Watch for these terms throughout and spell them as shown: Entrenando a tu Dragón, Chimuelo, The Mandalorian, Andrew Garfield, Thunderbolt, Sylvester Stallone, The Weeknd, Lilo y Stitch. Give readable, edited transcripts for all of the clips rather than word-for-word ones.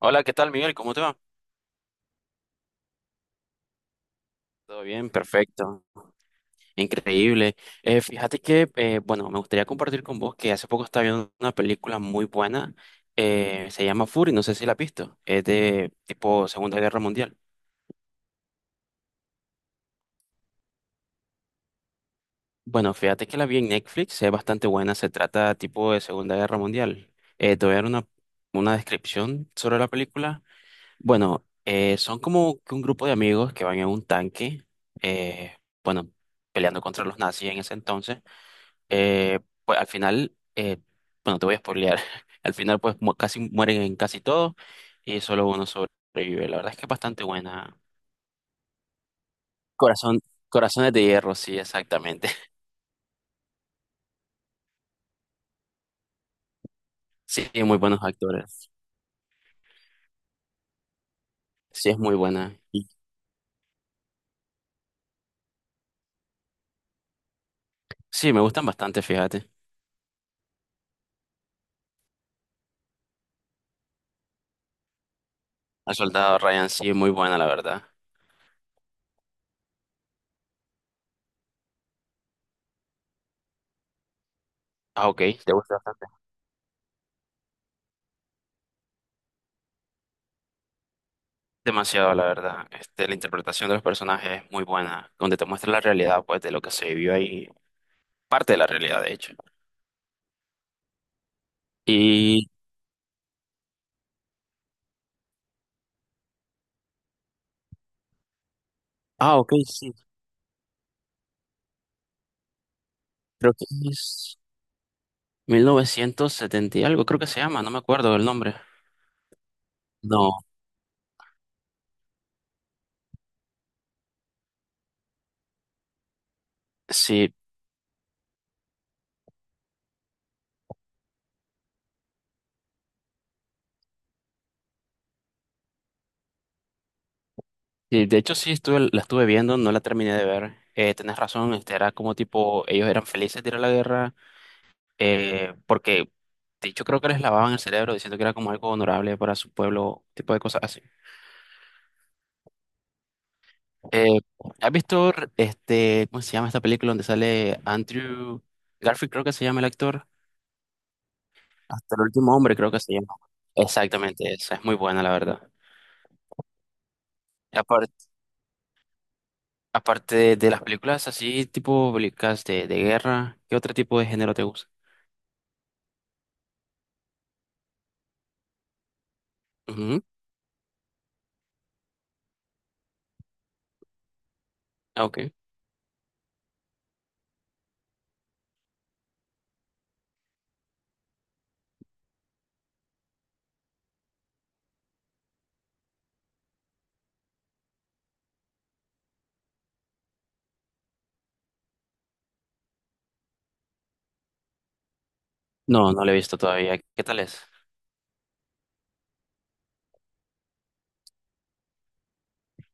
Hola, ¿qué tal, Miguel? ¿Cómo te va? Todo bien, perfecto. Increíble. Fíjate que, me gustaría compartir con vos que hace poco estaba viendo una película muy buena. Se llama Fury, no sé si la has visto. Es de tipo Segunda Guerra Mundial. Bueno, fíjate que la vi en Netflix, es bastante buena. Se trata tipo de Segunda Guerra Mundial. Te voy a dar una descripción sobre la película. Bueno, son como que un grupo de amigos que van en un tanque, eh, bueno, peleando contra los nazis en ese entonces. Pues al final, bueno, te voy a spoilear. Al final, casi mueren en casi todos y solo uno sobrevive. La verdad es que es bastante buena. Corazón, Corazones de Hierro, sí, exactamente. Sí, muy buenos actores. Sí, es muy buena. Y sí, me gustan bastante, fíjate. El soldado Ryan, sí, es muy buena, la verdad. Ah, ok, te gusta bastante. Demasiado, la verdad. Este, la interpretación de los personajes es muy buena, donde te muestra la realidad, pues, de lo que se vivió ahí. Parte de la realidad, de hecho. Y. Ah, ok, sí. Creo que es 1970 y algo, creo que se llama, no me acuerdo el nombre. No, sí, sí, de hecho sí estuve, la estuve viendo, no la terminé de ver. Tenés razón, este era como tipo, ellos eran felices de ir a la guerra, porque de hecho creo que les lavaban el cerebro diciendo que era como algo honorable para su pueblo, tipo de cosas así. Eh, ¿Has visto este, cómo se llama esta película donde sale Andrew Garfield, creo que se llama el actor? Hasta el último hombre, creo que se llama. Exactamente, esa es muy buena, la verdad. Aparte de las películas así, tipo películas de guerra, ¿qué otro tipo de género te gusta? Ujú. Ah, ok. No, no la he visto todavía. ¿Qué tal es?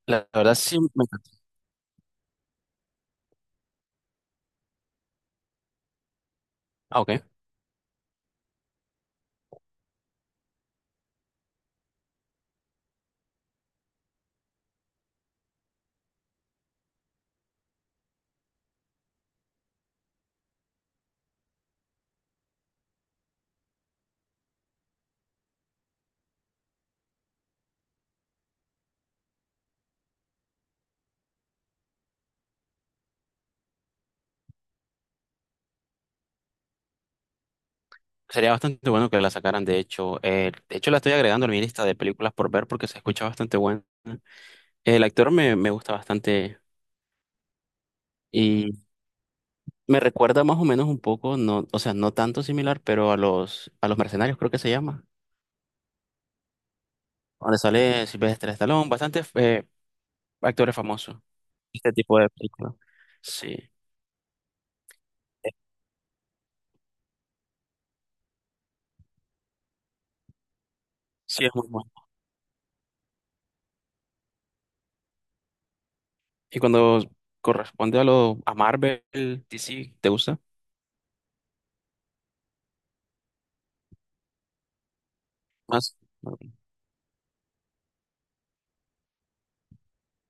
La verdad sí me encanta. Ah, ok. Sería bastante bueno que la sacaran, de hecho. De hecho, la estoy agregando a mi lista de películas por ver porque se escucha bastante bueno. El actor me gusta bastante y me recuerda más o menos un poco, no, o sea, no tanto similar, pero a a los mercenarios creo que se llama. Donde sale Sylvester Stallone, bastante actores famosos. Este tipo de películas. Sí. Sí, es muy bueno. Y cuando corresponde a lo a Marvel, DC, ¿te gusta más?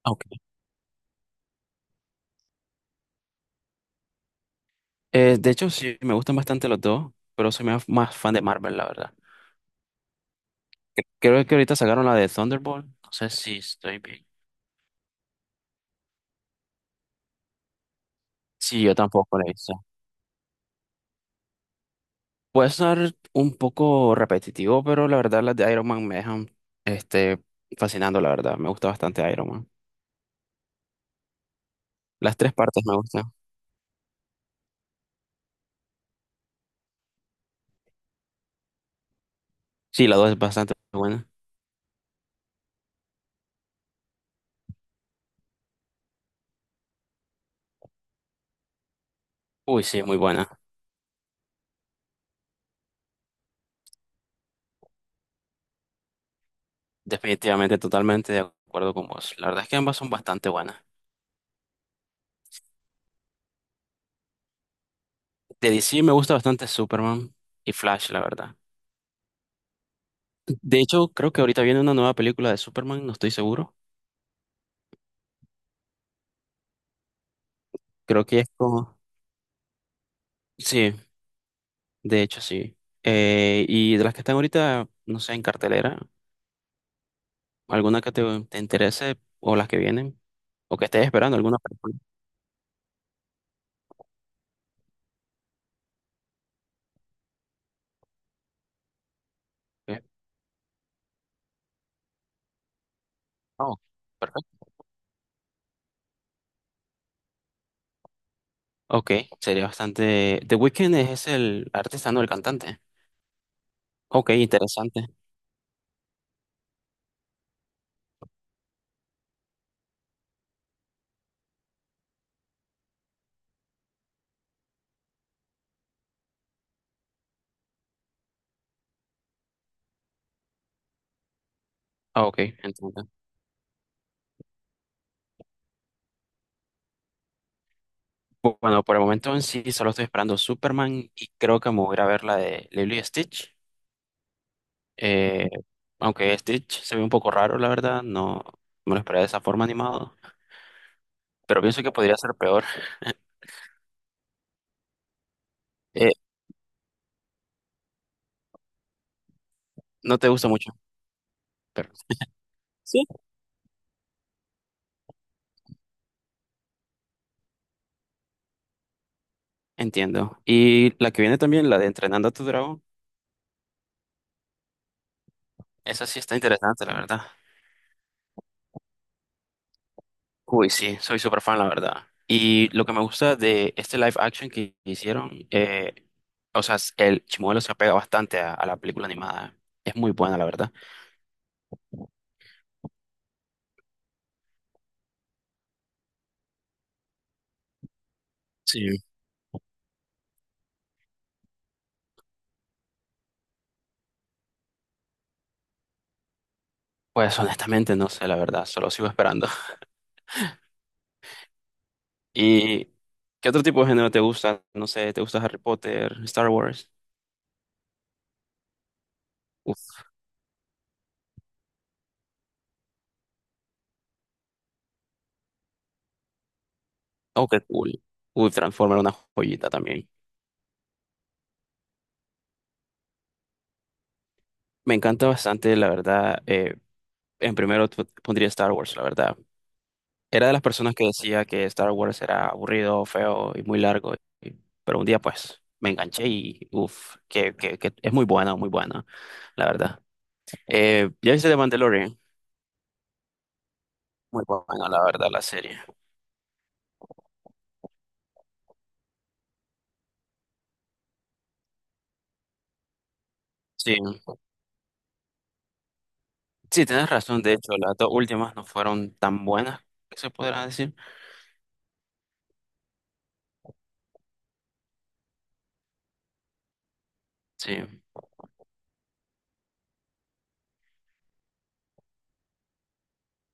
Ah, ok. De hecho, sí, me gustan bastante los dos, pero soy más, más fan de Marvel, la verdad. Que- Creo que ahorita sacaron la de Thunderbolt. No sé si estoy bien. Sí, yo tampoco la he visto. Puede ser un poco repetitivo, pero la verdad las de Iron Man me dejan este, fascinando, la verdad. Me gusta bastante Iron Man. Las tres partes me gustan. Sí, la dos es bastante buena. Uy, sí, muy buena. Definitivamente, totalmente de acuerdo con vos. La verdad es que ambas son bastante buenas. De DC me gusta bastante Superman y Flash, la verdad. De hecho, creo que ahorita viene una nueva película de Superman, no estoy seguro. Creo que es como... Sí, de hecho sí. Y de las que están ahorita, no sé, en cartelera, alguna que te interese o las que vienen, o que estés esperando alguna película. Ok. Ah, ok, perfecto. Ok, sería bastante... The Weeknd es el artesano, el cantante. Ok, interesante. Ah, ok, entiendo. Bueno, por el momento en sí solo estoy esperando Superman y creo que me voy a ir a ver la de Lilo y Stitch. Eh, Aunque Stitch se ve un poco raro, la verdad, no me lo esperaba de esa forma animado, pero pienso que podría ser peor. Eh, no te gusta mucho, pero sí, entiendo. Y la que viene también, la de Entrenando a tu Dragón, esa sí está interesante, la verdad. Uy, sí, soy súper fan, la verdad. Y lo que me gusta de este live action que hicieron, o sea, el Chimuelo se apega bastante a la película animada. Es muy buena, la verdad. Sí. Pues honestamente no sé, la verdad, solo sigo esperando. ¿Y qué otro tipo de género te gusta? No sé, ¿te gusta Harry Potter, Star Wars? Uf, oh, qué cool. Uf, Transformer, una joyita también. Me encanta bastante, la verdad. Pondría Star Wars, la verdad. Era de las personas que decía que Star Wars era aburrido, feo y muy largo, y- pero un día pues me enganché y uff, que es muy buena, la verdad. ¿Ya viste The Mandalorian? Muy buena, la verdad, la serie. Sí. Sí, tienes razón. De hecho, las dos últimas no fueron tan buenas, que se podrá decir. Sí,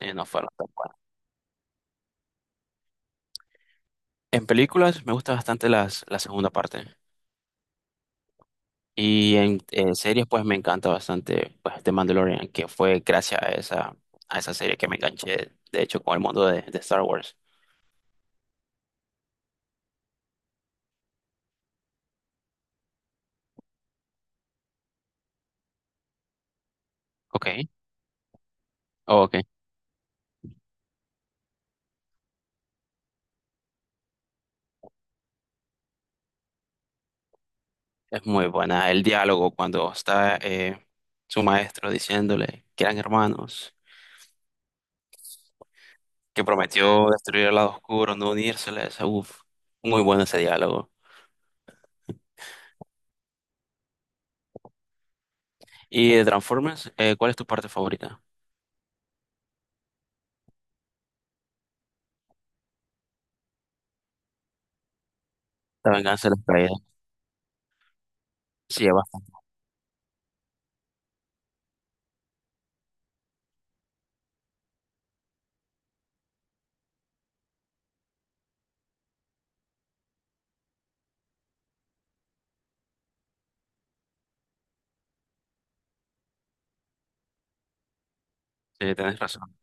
no fueron. Tan- En películas me gusta bastante la segunda parte. Y en series, pues me encanta bastante pues, The Mandalorian, que fue gracias a a esa serie que me enganché, de hecho, con el mundo de Star Wars. Ok, oh, ok. Es muy buena. El diálogo cuando está su maestro diciéndole que eran hermanos, que prometió destruir el lado oscuro, no unírseles. Uf, muy bueno ese diálogo. Y de Transformers, ¿cuál es tu parte favorita? La venganza de las caídas. Sí, es bastante- sí, tenés razón.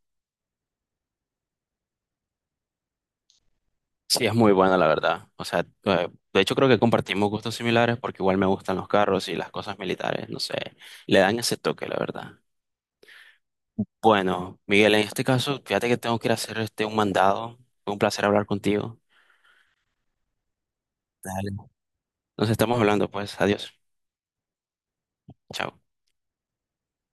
Sí, es muy buena, la verdad. O sea, de hecho creo que compartimos gustos similares porque igual me gustan los carros y las cosas militares, no sé, le dan ese toque, la verdad. Bueno, Miguel, en este caso, fíjate que tengo que ir a hacer este un mandado. Fue un placer hablar contigo. Dale. Nos estamos hablando, pues. Adiós. Chao.